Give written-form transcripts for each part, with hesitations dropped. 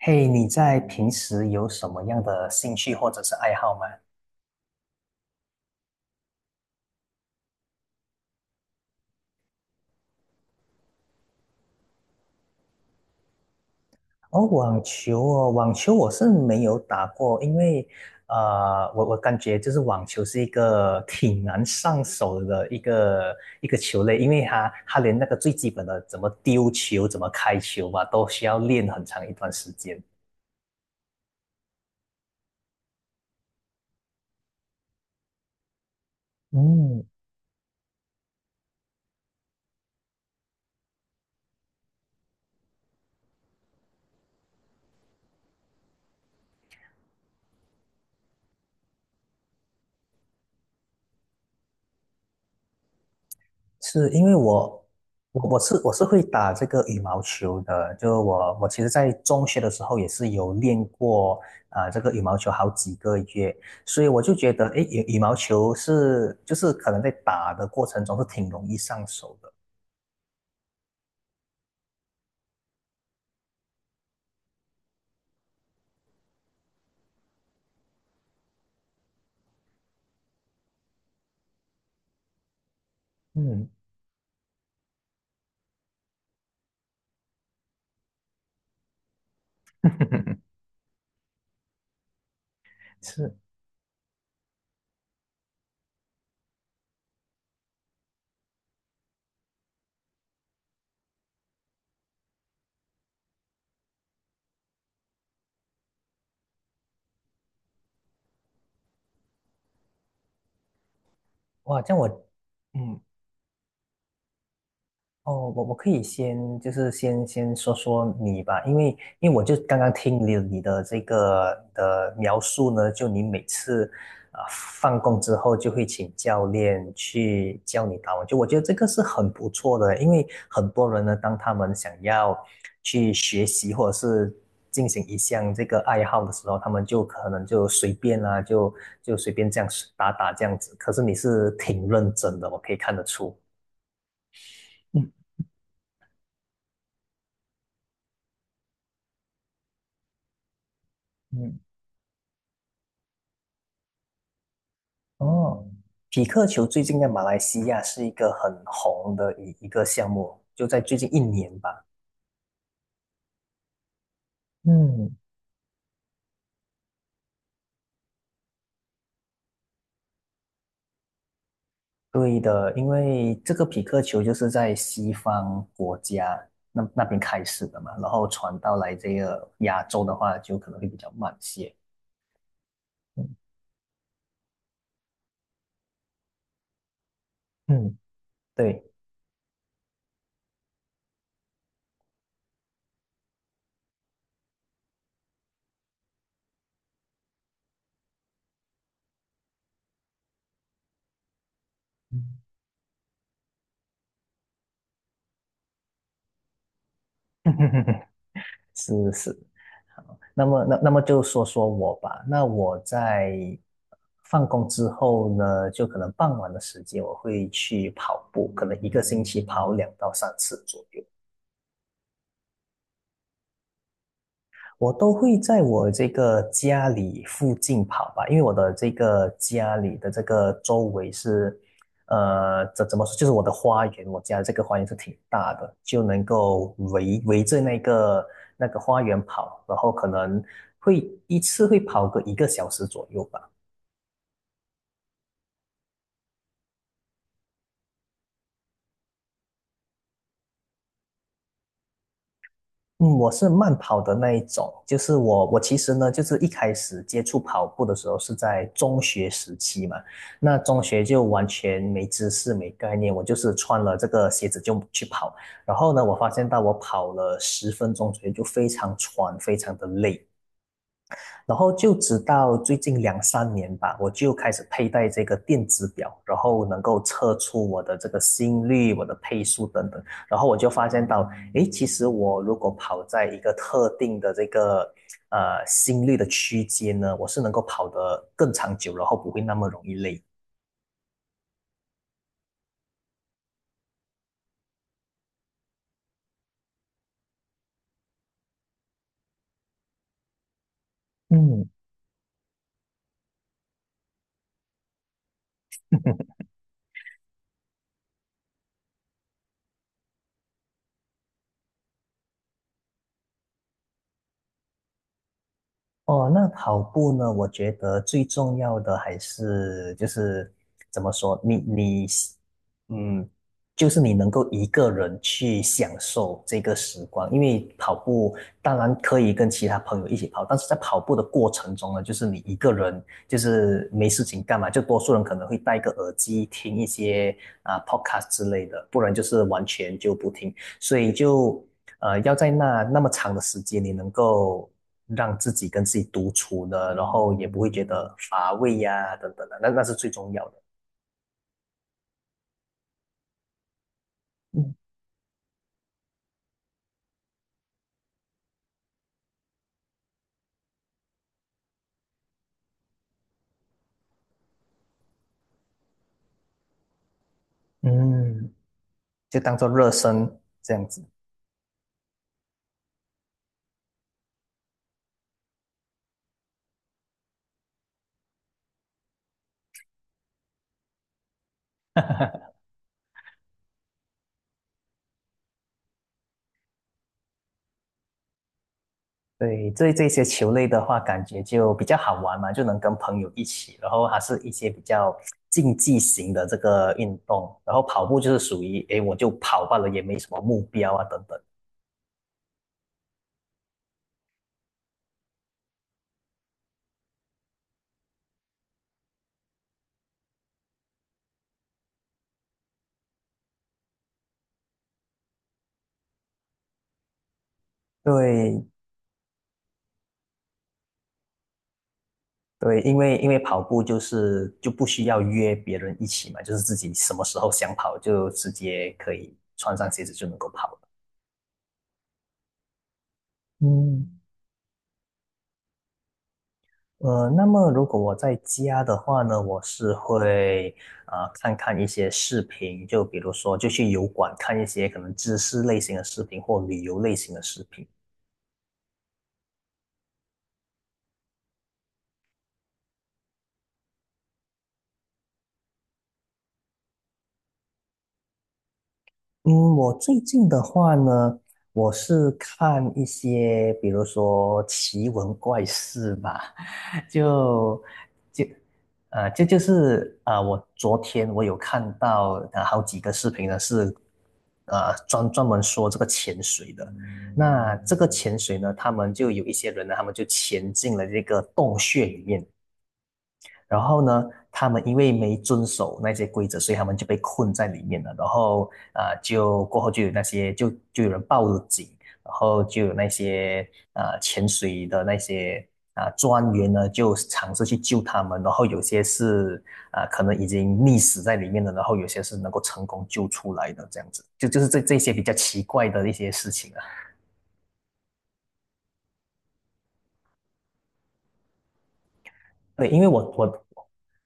嘿，你在平时有什么样的兴趣或者是爱好吗？哦，网球哦，网球我是没有打过，因为我感觉就是网球是一个挺难上手的一个球类，因为它连那个最基本的怎么丢球、怎么开球吧，都需要练很长一段时间。嗯，是因为我是会打这个羽毛球的，就我其实，在中学的时候也是有练过这个羽毛球好几个月，所以我就觉得，诶，羽毛球就是可能在打的过程中是挺容易上手的。嗯，是哇，这样我嗯，哦，我可以先就是先说说你吧，因为我就刚刚听了你的这个的描述呢，就你每次放工之后就会请教练去教你打网球，我觉得这个是很不错的，因为很多人呢，当他们想要去学习或者是进行一项这个爱好的时候，他们就可能就随便啊，就随便这样打打这样子，可是你是挺认真的，我可以看得出。嗯嗯。哦，匹克球最近在马来西亚是一个很红的一个项目，就在最近一年吧。嗯，对的，因为这个匹克球就是在西方国家那边开始的嘛，然后传到来这个亚洲的话，就可能会比较慢些。嗯嗯，对，嗯，是是，那么，那么就说说我吧。那我在放工之后呢，就可能傍晚的时间，我会去跑步，可能一个星期跑两到三次左右。我都会在我这个家里附近跑吧，因为我的这个家里的这个周围是，怎么说，就是我的花园，我家这个花园是挺大的，就能够围着那个花园跑，然后可能会一次会跑个一个小时左右吧。嗯，我是慢跑的那一种，就是我其实呢，就是一开始接触跑步的时候是在中学时期嘛，那中学就完全没知识、没概念，我就是穿了这个鞋子就去跑，然后呢，我发现到我跑了10分钟左右就非常喘，非常的累，然后就直到最近两三年吧，我就开始佩戴这个电子表，然后能够测出我的这个心率、我的配速等等。然后我就发现到，诶，其实我如果跑在一个特定的这个心率的区间呢，我是能够跑得更长久，然后不会那么容易累。嗯。哦，那跑步呢？我觉得最重要的还是就是怎么说，你你嗯，就是你能够一个人去享受这个时光，因为跑步当然可以跟其他朋友一起跑，但是在跑步的过程中呢，就是你一个人就是没事情干嘛，就多数人可能会戴个耳机听一些podcast 之类的，不然就是完全就不听。所以就要在那么长的时间，你能够让自己跟自己独处的，然后也不会觉得乏味呀、等等的，那是最重要的。嗯嗯，就当做热身这样子。对，这些球类的话，感觉就比较好玩嘛，就能跟朋友一起，然后还是一些比较竞技型的这个运动，然后跑步就是属于，诶，我就跑罢了，也没什么目标啊，等等。对，对，因为跑步就是就不需要约别人一起嘛，就是自己什么时候想跑就直接可以穿上鞋子就能够跑了。嗯。那么如果我在家的话呢，我是会看看一些视频，就比如说就去油管看一些可能知识类型的视频或旅游类型的视频。嗯，我最近的话呢，我是看一些，比如说奇闻怪事吧，就就呃，这就是我昨天我有看到好几个视频呢，是专门说这个潜水的。那这个潜水呢，他们就有一些人呢，他们就潜进了这个洞穴里面。然后呢，他们因为没遵守那些规则，所以他们就被困在里面了。然后就过后就有那些就有人报了警，然后就有那些潜水的那些专员呢，就尝试去救他们。然后有些是可能已经溺死在里面了，然后有些是能够成功救出来的，这样子。就是这些比较奇怪的一些事情啊。对，因为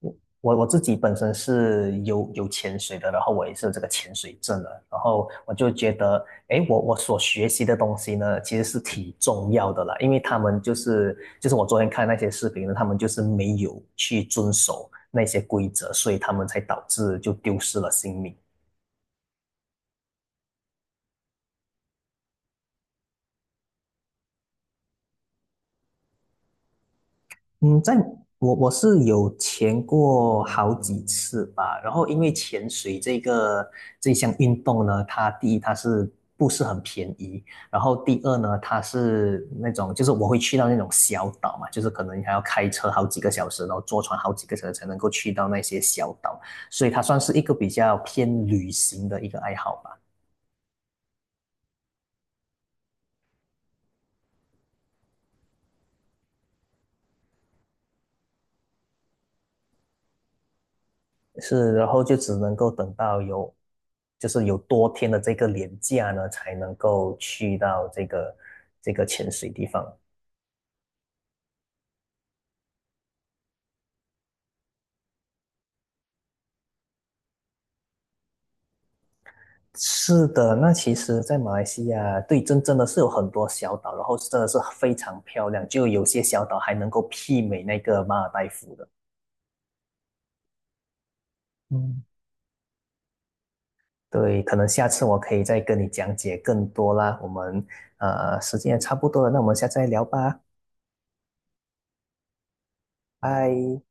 我我自己本身是有潜水的，然后我也是有这个潜水证的，然后我就觉得，诶，我所学习的东西呢，其实是挺重要的啦，因为他们就是我昨天看那些视频呢，他们就是没有去遵守那些规则，所以他们才导致就丢失了性命。嗯，在我是有潜过好几次吧，然后因为潜水这项运动呢，它第一它是不是很便宜，然后第二呢，它是那种就是我会去到那种小岛嘛，就是可能还要开车好几个小时，然后坐船好几个小时才能够去到那些小岛，所以它算是一个比较偏旅行的一个爱好吧。是，然后就只能够等到有，就是有多天的这个连假呢，才能够去到这个潜水地方。是的，那其实，在马来西亚，对，真的是有很多小岛，然后真的是非常漂亮，就有些小岛还能够媲美那个马尔代夫的。嗯，对，可能下次我可以再跟你讲解更多啦。我们时间也差不多了，那我们下次再聊吧，拜。